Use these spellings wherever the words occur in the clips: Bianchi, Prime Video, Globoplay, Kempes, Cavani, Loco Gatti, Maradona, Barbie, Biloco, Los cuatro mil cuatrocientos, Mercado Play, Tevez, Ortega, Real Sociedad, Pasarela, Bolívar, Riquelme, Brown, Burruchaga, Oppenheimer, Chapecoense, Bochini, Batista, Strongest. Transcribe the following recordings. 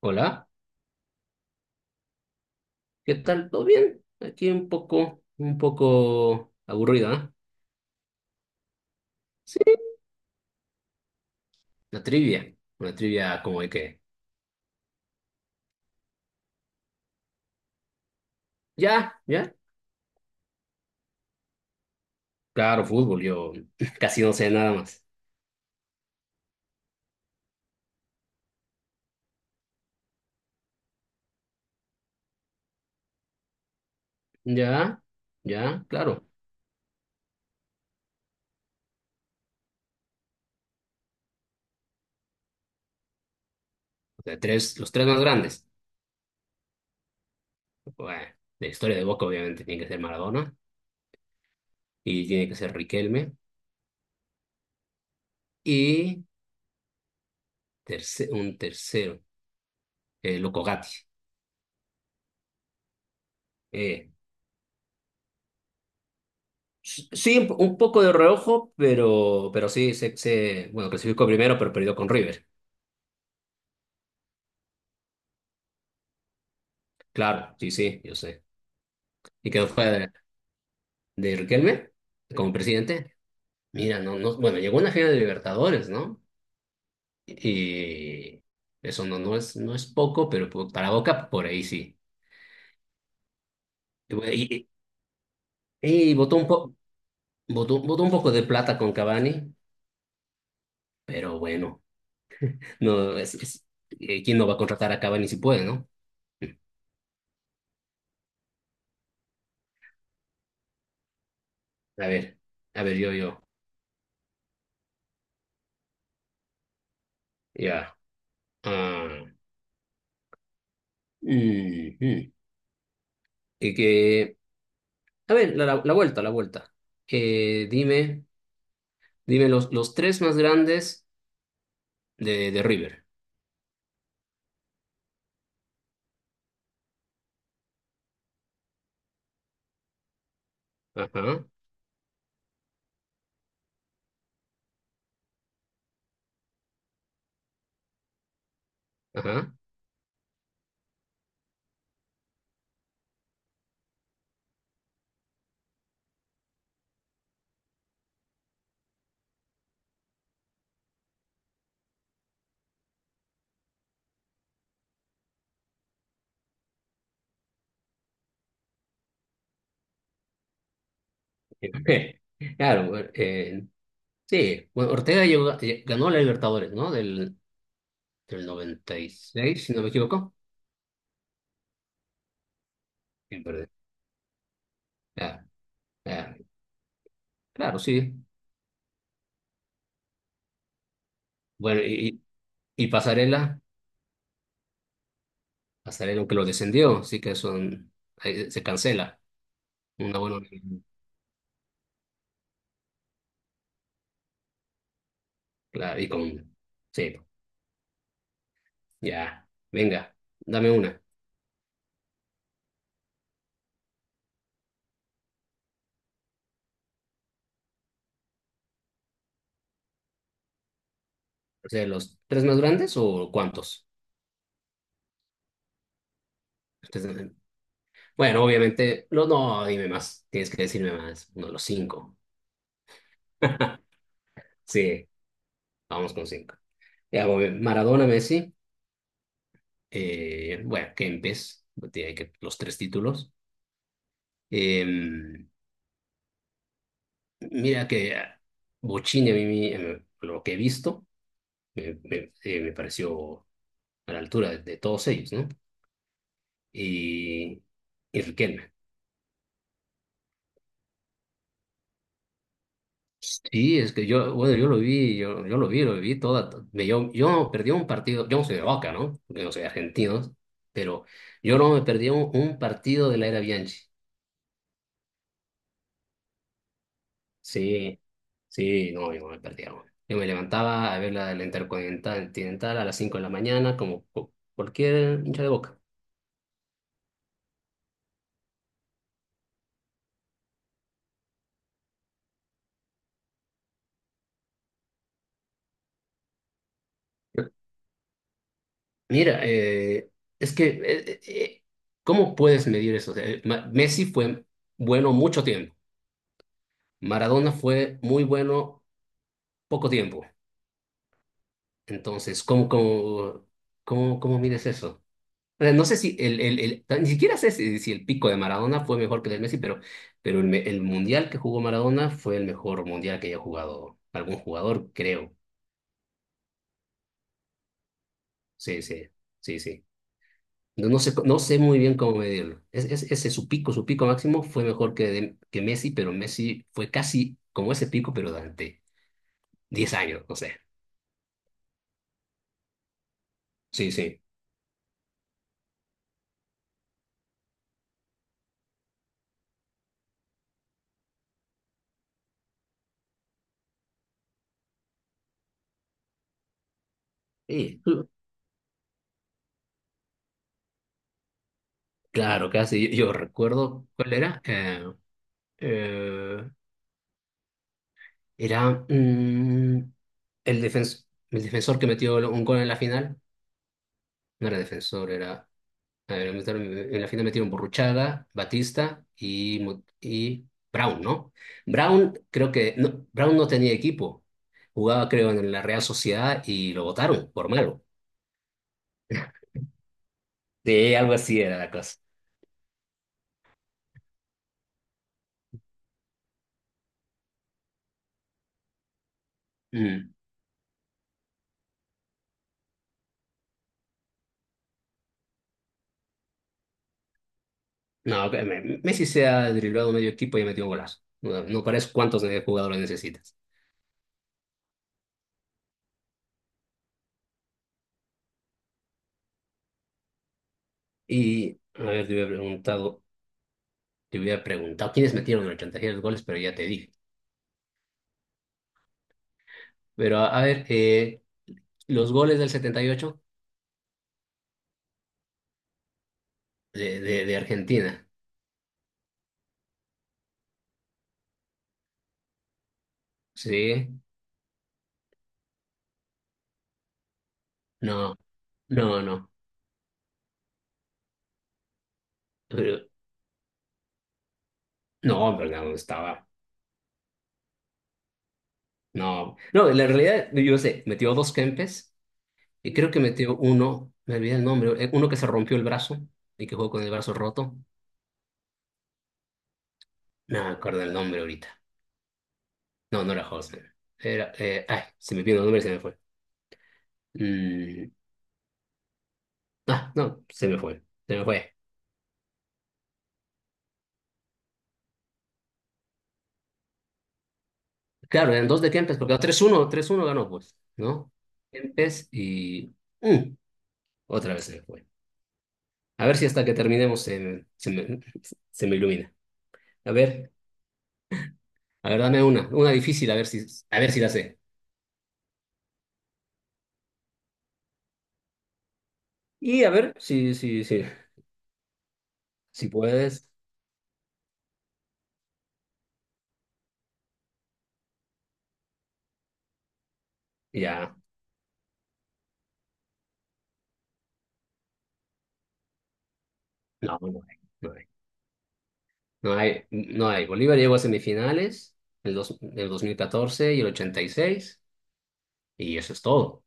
Hola, ¿qué tal? ¿Todo bien? Aquí un poco, aburrida, ¿eh? Sí, una trivia, como de que, ya, ya, claro, fútbol, yo casi no sé nada más. Ya, ya, claro, o sea, los tres más grandes. Bueno, la historia de Boca obviamente tiene que ser Maradona y tiene que ser Riquelme y un tercero, Loco Gatti. Eh, Sí, un poco de reojo, pero, sí, bueno, clasificó primero, pero perdió con River. Claro, sí, sí, yo sé. ¿Y quedó fuera de Riquelme como presidente? Mira, no, no, bueno, llegó una final de Libertadores, ¿no? Y eso no, no es, poco, pero para Boca, por ahí sí. Y, y botó un botó un poco de plata con Cavani, pero bueno, no, ¿quién no va a contratar a Cavani si puede, no? A ver, yo, ya. Ah, mm, mm. Y que a ver, la vuelta, dime, los, tres más grandes de, River. Ajá, ajá. Claro, bueno, sí, bueno, ganó la Libertadores, ¿no? Del noventa y seis si no me equivoco. Sí, perdón. Ah, ah, claro, sí. Bueno, y, y Pasarela, Pasarela aunque lo descendió, así que son, ahí se cancela. Una buena. Claro, y con... Sí, ya. Venga, dame una. ¿De los tres más grandes o cuántos? Entonces, bueno, obviamente, no, dime más, tienes que decirme más, no, los cinco. Sí, vamos con cinco. Ya, voy, Maradona, Messi, bueno, Kempes, tiene que los tres títulos. Eh, mira que Bochini, a mí, lo que he visto, me pareció a la altura de, todos ellos, ¿no? Y, y Riquelme. Sí, es que yo, bueno, yo lo vi, yo, lo vi toda. Yo, no perdí un partido, yo no soy de Boca, ¿no? Yo no soy argentino, pero yo no me perdí un, partido de la era Bianchi. Sí, sí, no, yo no me perdía uno. Yo me levantaba a ver la, Intercontinental Continental a las 5 de la mañana, como cualquier hincha de Boca. Mira, es que, ¿cómo puedes medir eso? O sea, Messi fue bueno mucho tiempo, Maradona fue muy bueno poco tiempo. Entonces, ¿cómo mides eso? O sea, no sé si ni siquiera sé si, el pico de Maradona fue mejor que el de Messi, pero, el mundial que jugó Maradona fue el mejor mundial que haya jugado algún jugador, creo. Sí, sí, sí, sí. No, no sé, muy bien cómo medirlo. Ese su pico, máximo fue mejor que, que Messi, pero Messi fue casi como ese pico, pero durante 10 años, no sé. Sí, sí. Sí, claro, casi. Yo, recuerdo cuál era. Eh, era el, defens- el defensor que metió un gol en la final. No era defensor, era. A ver, en la final metieron Burruchaga, Batista y, y Brown, ¿no? Brown, creo que. No, Brown no tenía equipo. Jugaba, creo, en la Real Sociedad y lo votaron por malo. Sí, algo así era la cosa. Mm. No, que Messi se ha driblado medio equipo y ha metido un golazo. No, no parece cuántos jugadores necesitas. Y, a ver, te hubiera preguntado. Te hubiera preguntado quiénes metieron el 86 goles, pero ya te dije. Pero a ver, los goles del 78 de, Argentina. Sí, no, no, no. Pero- No, pero no estaba. No, no, la realidad, yo sé, metió dos Kempes y creo que metió uno, me olvidé el nombre, uno que se rompió el brazo y que jugó con el brazo roto. No me acuerdo el nombre ahorita. No, no era Hosmer. Era, ay, se me vino el nombre y se me fue. Mm, no, se me fue. Se me fue. Claro, eran dos de Kempes, porque 3-1 ganó, pues, ¿no? Kempes y... mm, otra vez se me fue. A ver si hasta que terminemos se me ilumina. A ver, dame una, difícil, a ver si la sé. Y a ver, si puedes, ya. No, no hay, no hay. No hay, no hay. Bolívar llegó a semifinales en el 2014 y el 86 y eso es todo.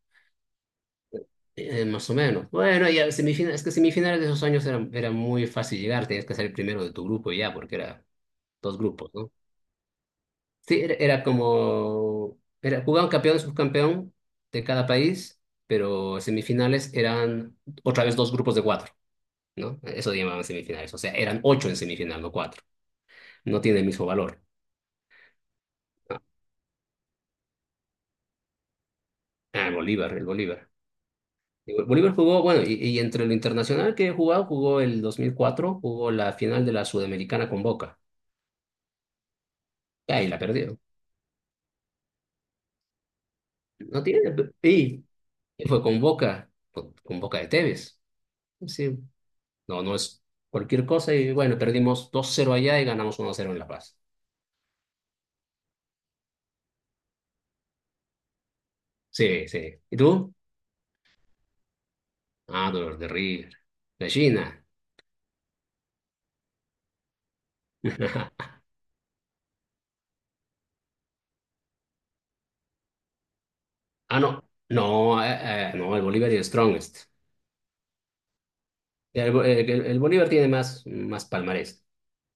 Más o menos. Bueno, ya semifinales, es que semifinales de esos años era, muy fácil llegar, tenías que ser el primero de tu grupo y ya, porque era dos grupos, ¿no? Sí, era, era como, era, jugaban campeón y subcampeón de cada país, pero semifinales eran otra vez dos grupos de cuatro, ¿no? Eso llamaban semifinales, o sea, eran ocho en semifinal, no cuatro. No tiene el mismo valor. Ah, el Bolívar, el Bolívar. Y Bolívar jugó, bueno, y, entre lo internacional que he jugado, jugó el 2004, jugó la final de la Sudamericana con Boca. Ah, y ahí la perdió. No tiene. Y fue con Boca, con Boca de Tevez. Sí. No, no es cualquier cosa. Y bueno, perdimos 2-0 allá y ganamos 1-0 en La Paz. Sí, sí. ¿Y tú? Ah, dolor de River. Gallina. Ah, no. No, no, el Bolívar es el strongest. El Bolívar tiene más, palmarés.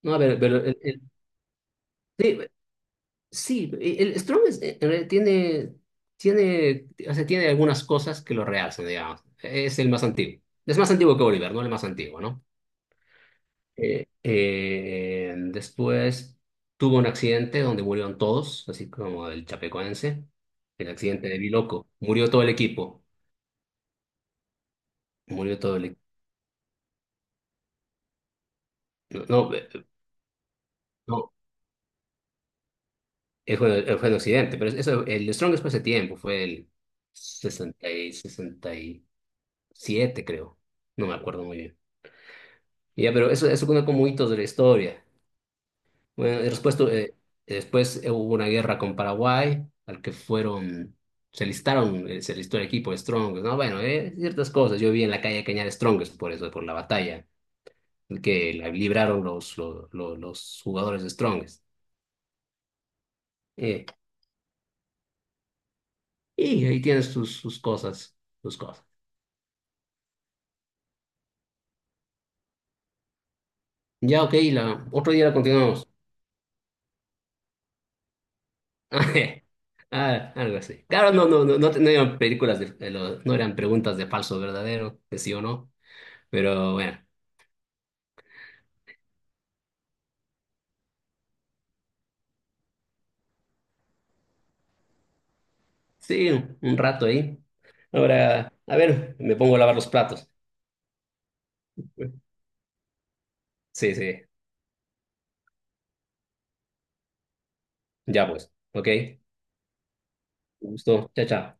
No, a ver, pero sí, sí, el Strong en realidad tiene, o sea, tiene algunas cosas que lo realzan, digamos. Es el más antiguo. Es más antiguo que Oliver, ¿no? El más antiguo, ¿no? Después tuvo un accidente donde murieron todos, así como el chapecoense. El accidente de Biloco. Murió todo el equipo. Murió todo el equipo. No, no, no, fue un accidente, pero eso, el Strong después de tiempo, fue el sesenta y siete, creo. No me acuerdo muy bien. Ya, pero eso cuenta como hitos de la historia. Bueno, y después, después hubo una guerra con Paraguay, al que fueron, se listaron, se listó el equipo de Strongest, ¿no? Bueno, ciertas cosas. Yo vi en la calle Cañar Strongest por eso, por la batalla que la libraron los jugadores de Strongest. Eh, y ahí tienes sus, cosas, sus cosas. Ya, ok, la, otro día la continuamos. Ah, algo así. Claro, no, no, no, no, no eran películas de, no eran preguntas de falso o verdadero, de sí o no. Pero bueno, sí, un rato ahí. Ahora, a ver, me pongo a lavar los platos. Sí, sí, ya pues, ok. Un gusto, chao, chao.